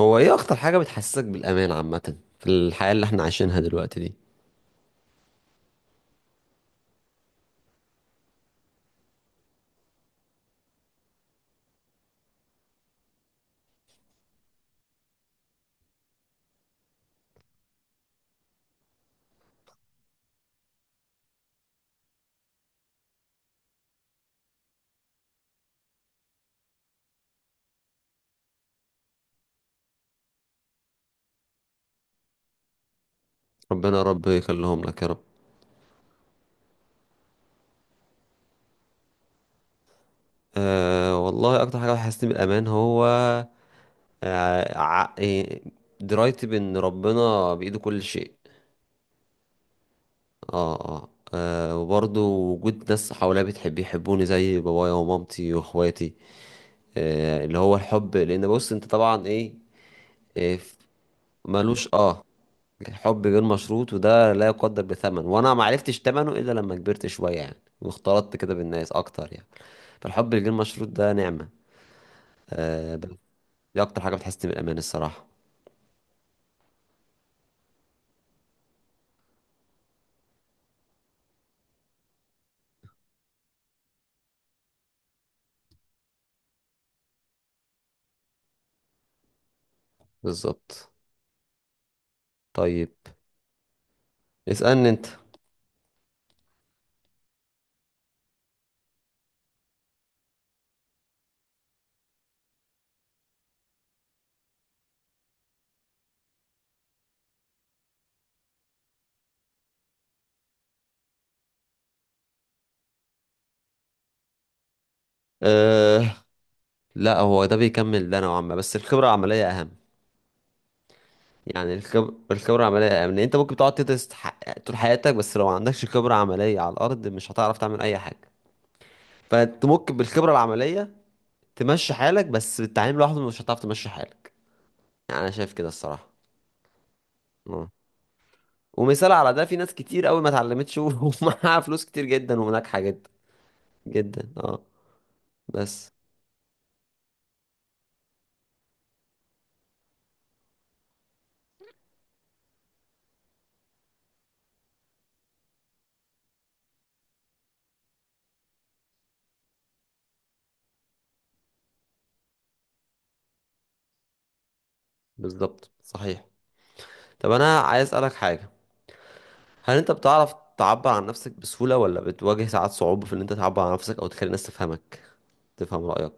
هو ايه اكتر حاجة بتحسسك بالامان عامة في الحياة اللي احنا عايشينها دلوقتي دي؟ ربنا يا رب يخليهم لك يا رب. أه، والله اكتر حاجة بتحسسني بالامان هو أه، إيه، درايتي بان ربنا بايده كل شيء. اه، اه، آه، وبرضه وجود ناس حواليا بتحب يحبوني زي بابايا ومامتي واخواتي. آه، اللي هو الحب، لان بص انت طبعا ايه، إيه، ملوش، اه. حب غير مشروط وده لا يقدر بثمن، وانا ما عرفتش ثمنه الا لما كبرت شويه يعني، واختلطت كده بالناس اكتر يعني. فالحب الغير مشروط ده نعمه. آه، دي اكتر حاجه بتحسسني بالامان الصراحه. بالظبط. طيب، اسالني انت. آه، لا هو ده بيكمل ده نوعا ما، بس الخبره العمليه اهم. يعني الخبره العمليه اهم، لان انت ممكن تقعد تدرس طول حياتك، بس لو ما عندكش خبره عمليه على الارض، مش هتعرف تعمل اي حاجه. فانت ممكن بالخبره العمليه تمشي حالك، بس التعليم لوحده مش هتعرف تمشي حالك، يعني انا شايف كده الصراحه. اه، ومثال على ده، في ناس كتير قوي ما اتعلمتش ومعاها فلوس كتير جدا وناجحه جدا، جدا اه. بس، بالظبط صحيح. طب انا عايز اسالك حاجه. هل انت بتعرف تعبر عن نفسك بسهوله، ولا بتواجه ساعات صعوبه في ان انت تعبر عن نفسك او تخلي الناس تفهمك، تفهم رايك؟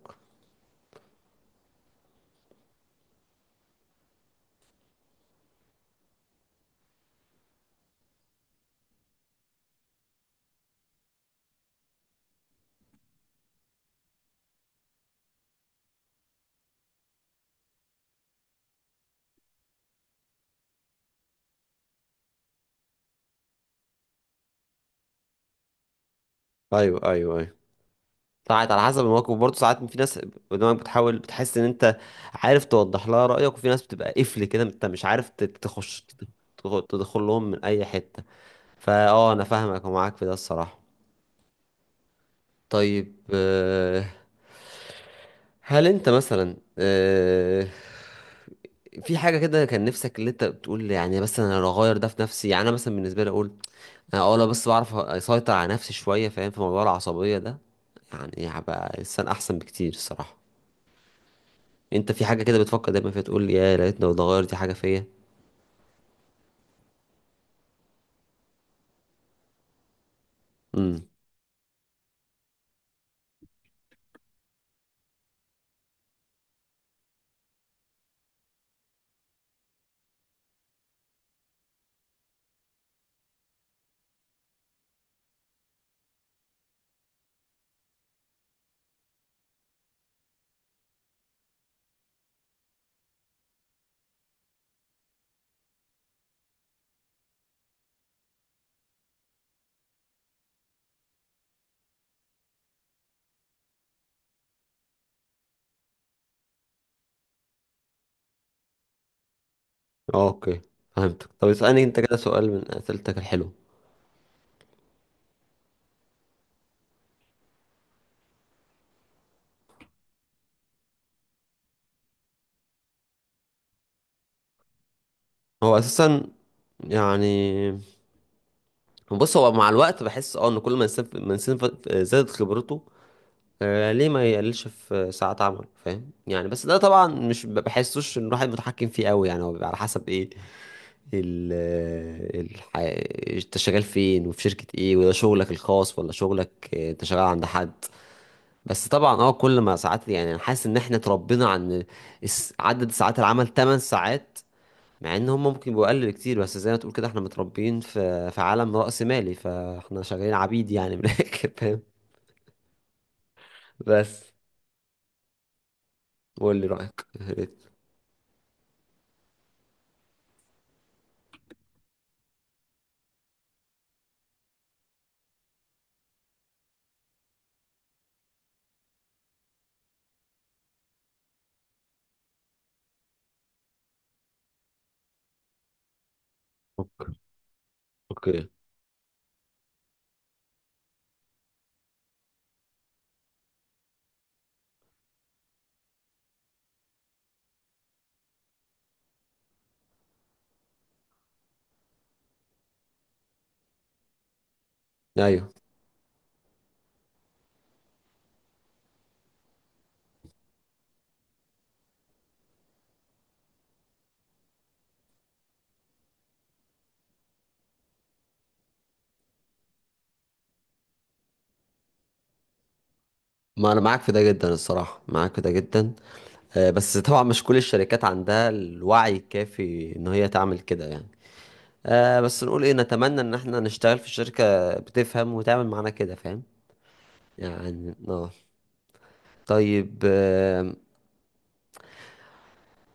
ايوه، ايوه، ايوه. ساعات على حسب الموقف برضه، ساعات في ناس قدامك بتحاول بتحس ان انت عارف توضح لها رأيك، وفي ناس بتبقى قفل كده انت مش عارف تخش، تدخل لهم من اي حتة. اه، انا فاهمك ومعاك في ده الصراحة. طيب، هل انت مثلا في حاجة كده كان نفسك، اللي انت بتقول يعني، بس انا لو اغير ده في نفسي، يعني انا مثلا بالنسبة لي اقول انا لو بس بعرف اسيطر على نفسي شوية، فاهم، في موضوع العصبية ده، يعني هبقى انسان احسن بكتير الصراحة. انت في حاجة كده بتفكر دايما فيها تقول يا لقيتنا لو اتغيرت دي حاجة فيا؟ امم، اه، اوكي، فهمتك. طب اسألني انت كده سؤال من أسئلتك الحلوة. هو اساسا، يعني بص، هو مع الوقت بحس ان كل ما انسان زادت خبرته. آه، ليه ما يقللش في ساعات عمل، فاهم يعني، بس ده طبعا مش بحسوش ان الواحد متحكم فيه قوي، يعني هو بيبقى على حسب ايه ال الح... انت شغال فين، وفي شركة ايه، وده شغلك الخاص، ولا شغلك، انت شغال عند حد؟ بس طبعا، كل ما ساعات، يعني انا حاسس ان احنا اتربينا عن عدد ساعات العمل 8 ساعات، مع ان هم ممكن يبقوا اقل بكتير، بس زي ما تقول كده احنا متربيين في عالم رأسمالي مالي، فاحنا شغالين عبيد يعني، من الاخر فاهم. بس، قول لي رأيك يا ريت. اوكي، اوكي، ايوه، ما انا معاك في ده جدا الصراحه، معاك في ده جدا. بس طبعا مش كل الشركات عندها الوعي الكافي ان هي تعمل كده يعني. بس نقول ايه، نتمنى ان احنا نشتغل في شركه بتفهم وتعمل معانا كده، فاهم. يعني، طيب،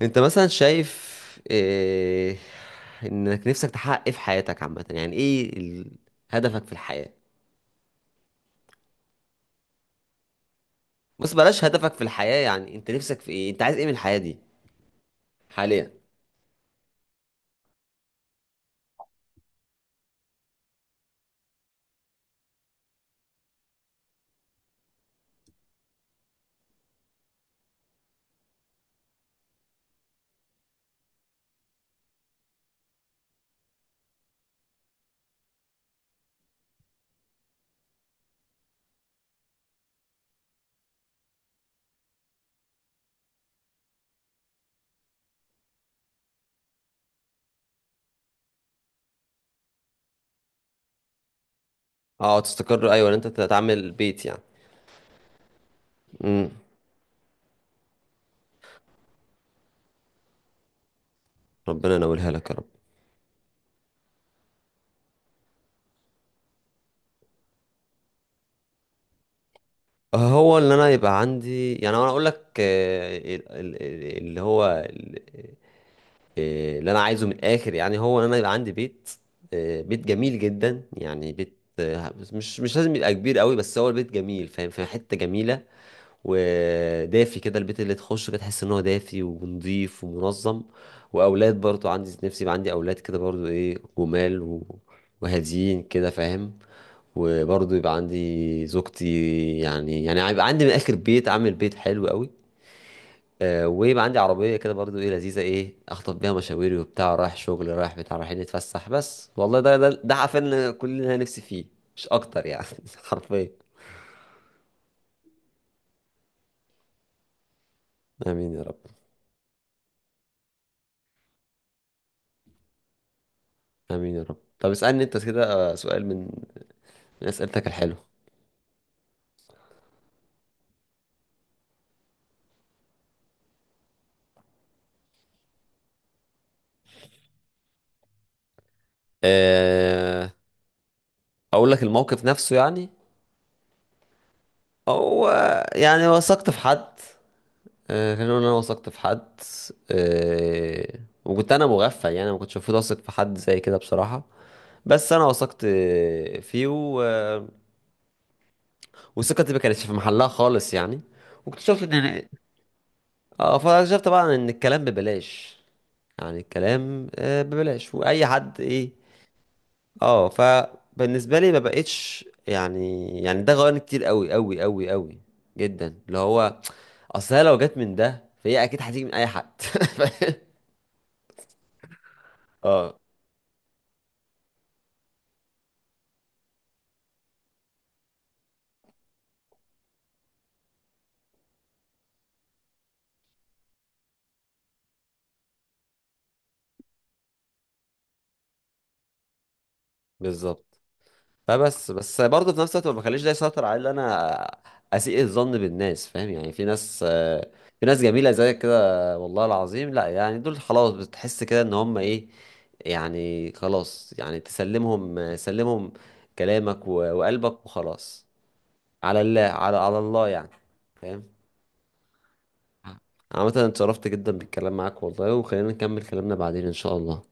انت مثلا شايف إيه، انك نفسك تحقق ايه في حياتك عامة، يعني ايه هدفك في الحياة؟ بص، بلاش هدفك في الحياة، يعني انت نفسك في ايه، انت عايز ايه من الحياة دي حاليا؟ اه، تستقر، ايوه، ان انت تعمل بيت يعني. امم. ربنا ينولها لك يا رب. هو اللي انا يبقى عندي، يعني انا اقول لك، اللي هو إيه، اللي انا عايزه من الاخر يعني، هو ان انا يبقى عندي بيت. إيه، بيت جميل جدا، يعني بيت مش لازم يبقى كبير قوي، بس هو البيت جميل فاهم، في حته جميله، ودافي كده، البيت اللي تخش كده تحس ان هو دافي ونضيف ومنظم. واولاد برضو عندي، نفسي يبقى عندي اولاد كده، برضو ايه جمال، وهاديين كده فاهم. وبرضو يبقى عندي زوجتي. يعني يبقى عندي من الاخر بيت، عامل بيت حلو قوي. ويبقى عندي عربية كده، برضو ايه لذيذة، ايه اخطف بيها مشاويري وبتاع، رايح شغل رايح بتاع رايحين نتفسح، بس والله ده عارفين إن كلنا نفسي فيه. مش اكتر يعني. حرفيا. امين يا رب، امين يا رب. طب اسألني انت كده سؤال من اسئلتك الحلوة. أه، اقول لك الموقف نفسه يعني. هو يعني وثقت في حد، خلينا نقول إن انا وثقت في حد، آه، وكنت انا مغفل يعني، ما كنتش المفروض اثق في حد زي كده بصراحة. بس انا وثقت فيه، و... آه، وثقتي ما كانتش في محلها خالص يعني. واكتشفت ان اه فاكتشفت طبعا ان الكلام ببلاش. يعني الكلام ببلاش، واي حد ايه، اه فبالنسبه لي ما بقتش يعني ده غيرني كتير قوي قوي قوي قوي جدا، اللي هو اصل هي لو جت من ده، فهي اكيد هتيجي من اي حد. اه، بالظبط. فبس برضه في نفس الوقت ما بخليش ده يسيطر على ان انا اسيء الظن بالناس، فاهم يعني، في ناس جميله زيك كده والله العظيم، لا يعني دول خلاص، بتحس كده ان هم ايه، يعني خلاص، يعني تسلمهم آه، سلمهم كلامك وقلبك وخلاص. على الله، على الله يعني، فاهم. عامة أنا اتشرفت جدا بالكلام معاك والله، وخلينا نكمل كلامنا بعدين إن شاء الله.